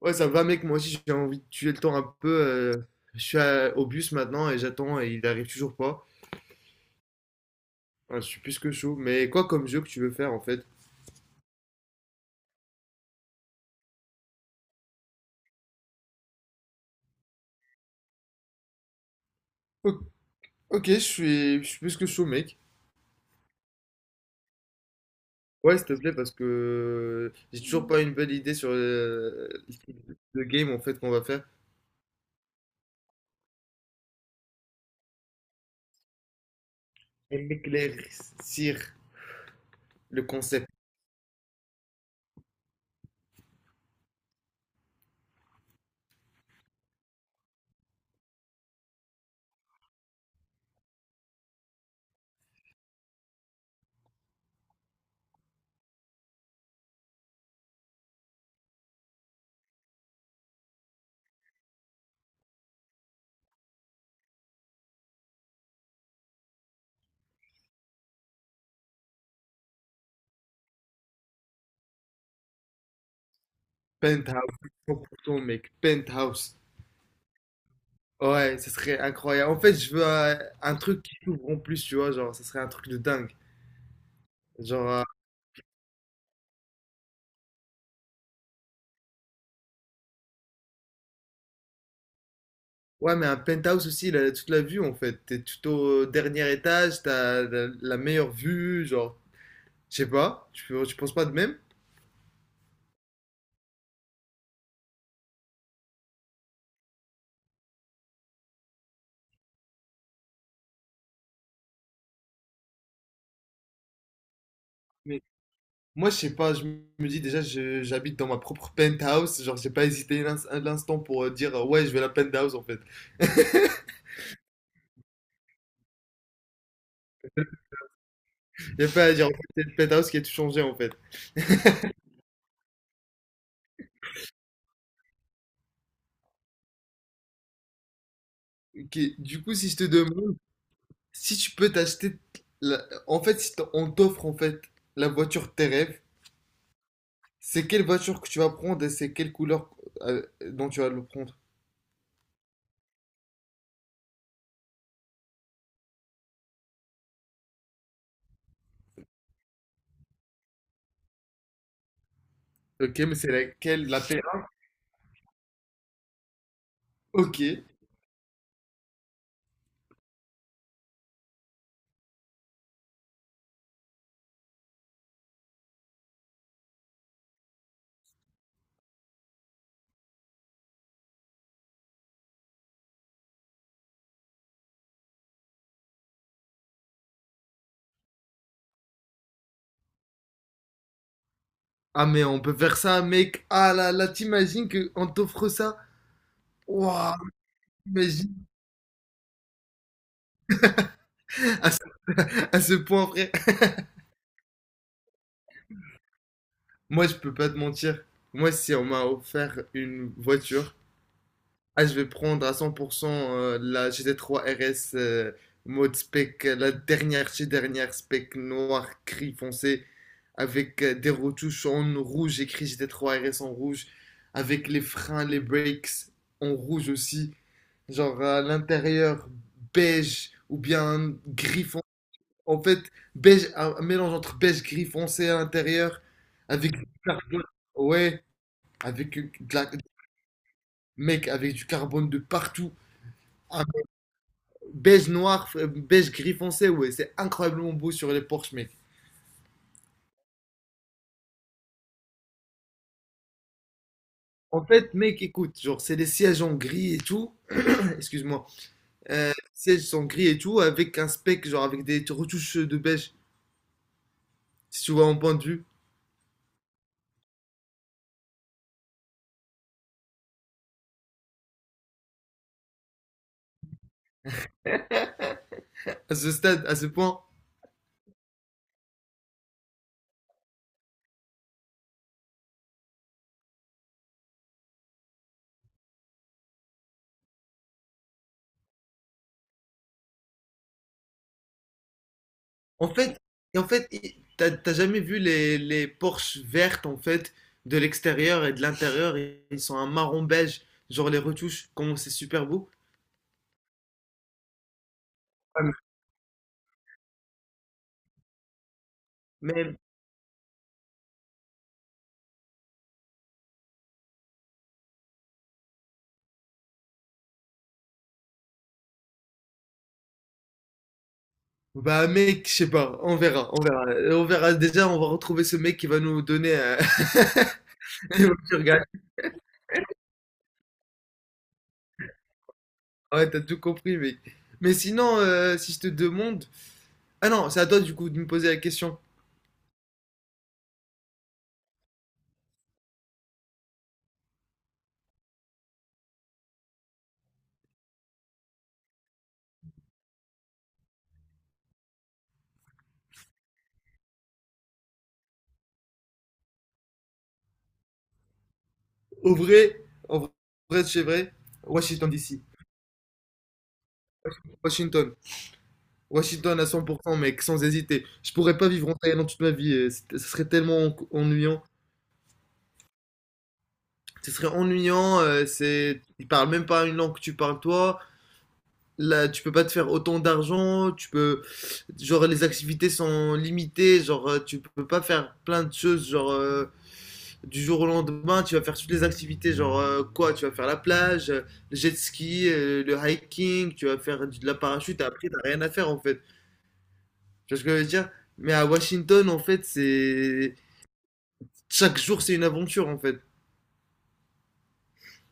Ouais, ça va, mec. Moi aussi, j'ai envie de tuer le temps un peu. Je suis au bus maintenant et j'attends et il arrive toujours pas. Ouais, je suis plus que chaud. Mais quoi comme jeu que tu veux faire en fait? O- Ok, je suis plus que chaud, mec. Ouais, s'il te plaît, parce que j'ai toujours pas une bonne idée sur le game en fait qu'on va faire. Et m'éclaircir le concept. Penthouse, 100%, mec. Penthouse. Ouais, ça serait incroyable. En fait, je veux un truc qui s'ouvre en plus, tu vois. Genre, ça serait un truc de dingue. Genre, euh, Ouais, mais un penthouse aussi, il a toute la vue en fait. T'es tout au dernier étage, t'as la meilleure vue, genre, je sais pas, tu penses pas de même? Mais moi, je sais pas, je me dis déjà, j'habite dans ma propre penthouse, genre, j'ai pas hésité un, un instant pour dire, ouais, je veux la penthouse en fait. J'ai pas à dire, en fait, c'est le penthouse qui a tout changé en fait. Ok, du coup, si je te demande, si tu peux t'acheter, en fait, si t'en- on t'offre en fait la voiture de tes rêves, c'est quelle voiture que tu vas prendre et c'est quelle couleur dont tu vas le prendre? Ok, mais c'est laquelle? La P1? Ok. Ah, mais on peut faire ça, mec. Ah là là, t'imagines qu'on t'offre ça? Waouh, imagine à ce point, frère. Moi, je peux pas te mentir. Moi, si on m'a offert une voiture, ah, je vais prendre à 100% la GT3 RS mode spec, la dernière chez dernière spec noir, gris foncé, avec des retouches en rouge, écrit GT3 RS en rouge, avec les freins, les brakes en rouge aussi. Genre à l'intérieur beige ou bien gris foncé. En fait, beige, un mélange entre beige gris foncé à l'intérieur avec du carbone. Ouais, avec de la- mec, avec du carbone de partout. Un beige noir, beige gris foncé, ouais, c'est incroyablement beau sur les Porsche, mec. En fait, mec, écoute, genre, c'est des sièges en gris et tout. Excuse-moi, sièges sont gris et tout, avec un spec, genre, avec des retouches de beige, si tu vois mon point de vue. À ce stade, à ce point. En fait, et en fait, t'as jamais vu les Porsche vertes, en fait, de l'extérieur et de l'intérieur, ils sont un marron beige, genre les retouches, comment c'est super beau. Ah, mais, bah mec, je sais pas, on verra, on verra. On verra, déjà, on va retrouver ce mec qui va nous donner une voiture gagnante. Ouais, t'as tout compris, mec. Mais sinon, si je te demande... Ah non, c'est à toi, du coup, de me poser la question. Au vrai, en vrai, c'est vrai, Washington DC. Washington. Washington à 100%, mec, sans hésiter. Je pourrais pas vivre en Thaïlande toute ma vie. Ce serait tellement ennuyant. Ce serait ennuyant. C'est, ils parlent même pas une langue que tu parles, toi. Là, tu peux pas te faire autant d'argent. Tu peux, genre, les activités sont limitées. Genre, tu peux pas faire plein de choses. Genre, du jour au lendemain, tu vas faire toutes les activités. Genre, quoi? Tu vas faire la plage, le jet ski, le hiking. Tu vas faire de la parachute. Et après, t'as rien à faire en fait. Tu vois ce que je veux dire? Mais à Washington, en fait, c'est chaque jour, c'est une aventure, en fait.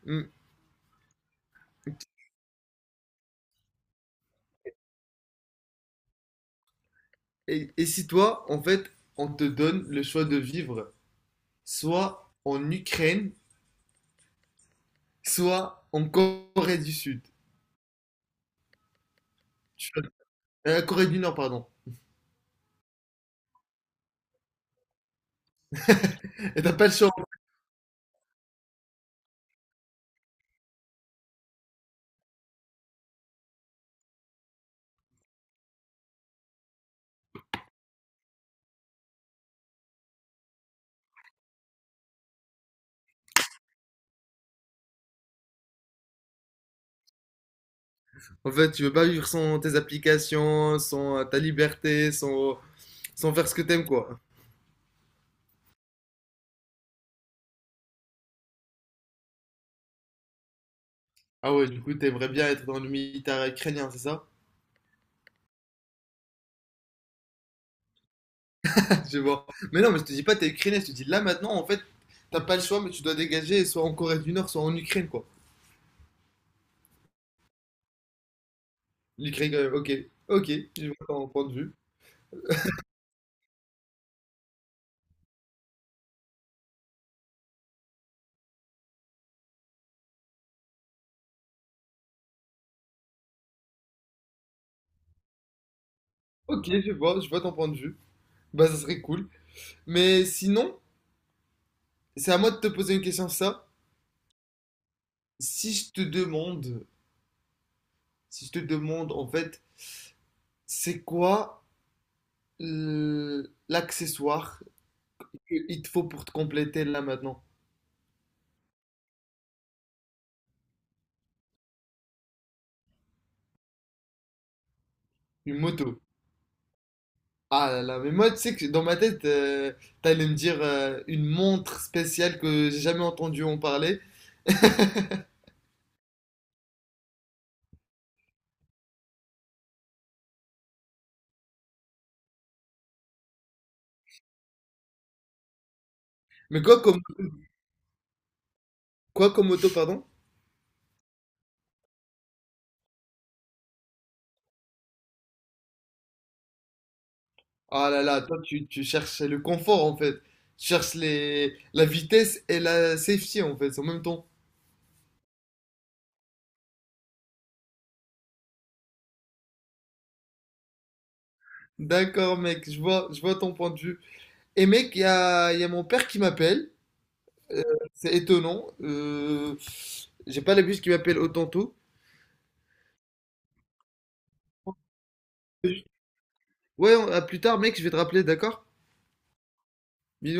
Mm. Et si toi, en fait, on te donne le choix de vivre soit en Ukraine, soit en Corée du Sud. Tu- Corée du Nord, pardon. Et t'as pas le choix. En fait, tu veux pas vivre sans tes applications, sans ta liberté, sans, sans faire ce que t'aimes, quoi. Ah ouais, du coup, t'aimerais bien être dans le militaire ukrainien, c'est ça? Je vois. Mais non, mais je te dis pas t'es ukrainien, je te dis là maintenant, en fait, t'as pas le choix, mais tu dois dégager, soit en Corée du Nord, soit en Ukraine, quoi. Ok, ok, je vois ton point de vue. Ok, je vois ton point de vue. Bah, ça serait cool. Mais sinon, c'est à moi de te poser une question, ça. Si je te demande, si je te demande, en fait, c'est quoi l'accessoire qu'il te faut pour te compléter là maintenant? Une moto. Ah là là, mais moi, tu sais que dans ma tête, t'allais me dire une montre spéciale que j'ai jamais entendu en parler. Mais quoi comme, quoi comme moto, pardon? Ah là là, toi tu cherches le confort en fait. Tu cherches la vitesse et la safety en fait en même temps. D'accord mec, je vois ton point de vue. Et mec, il y a mon père qui m'appelle. Euh, c'est étonnant. J'ai pas l'habitude qu'il m'appelle autant tôt. Ouais, à plus tard mec, je vais te rappeler, d'accord? Bisous.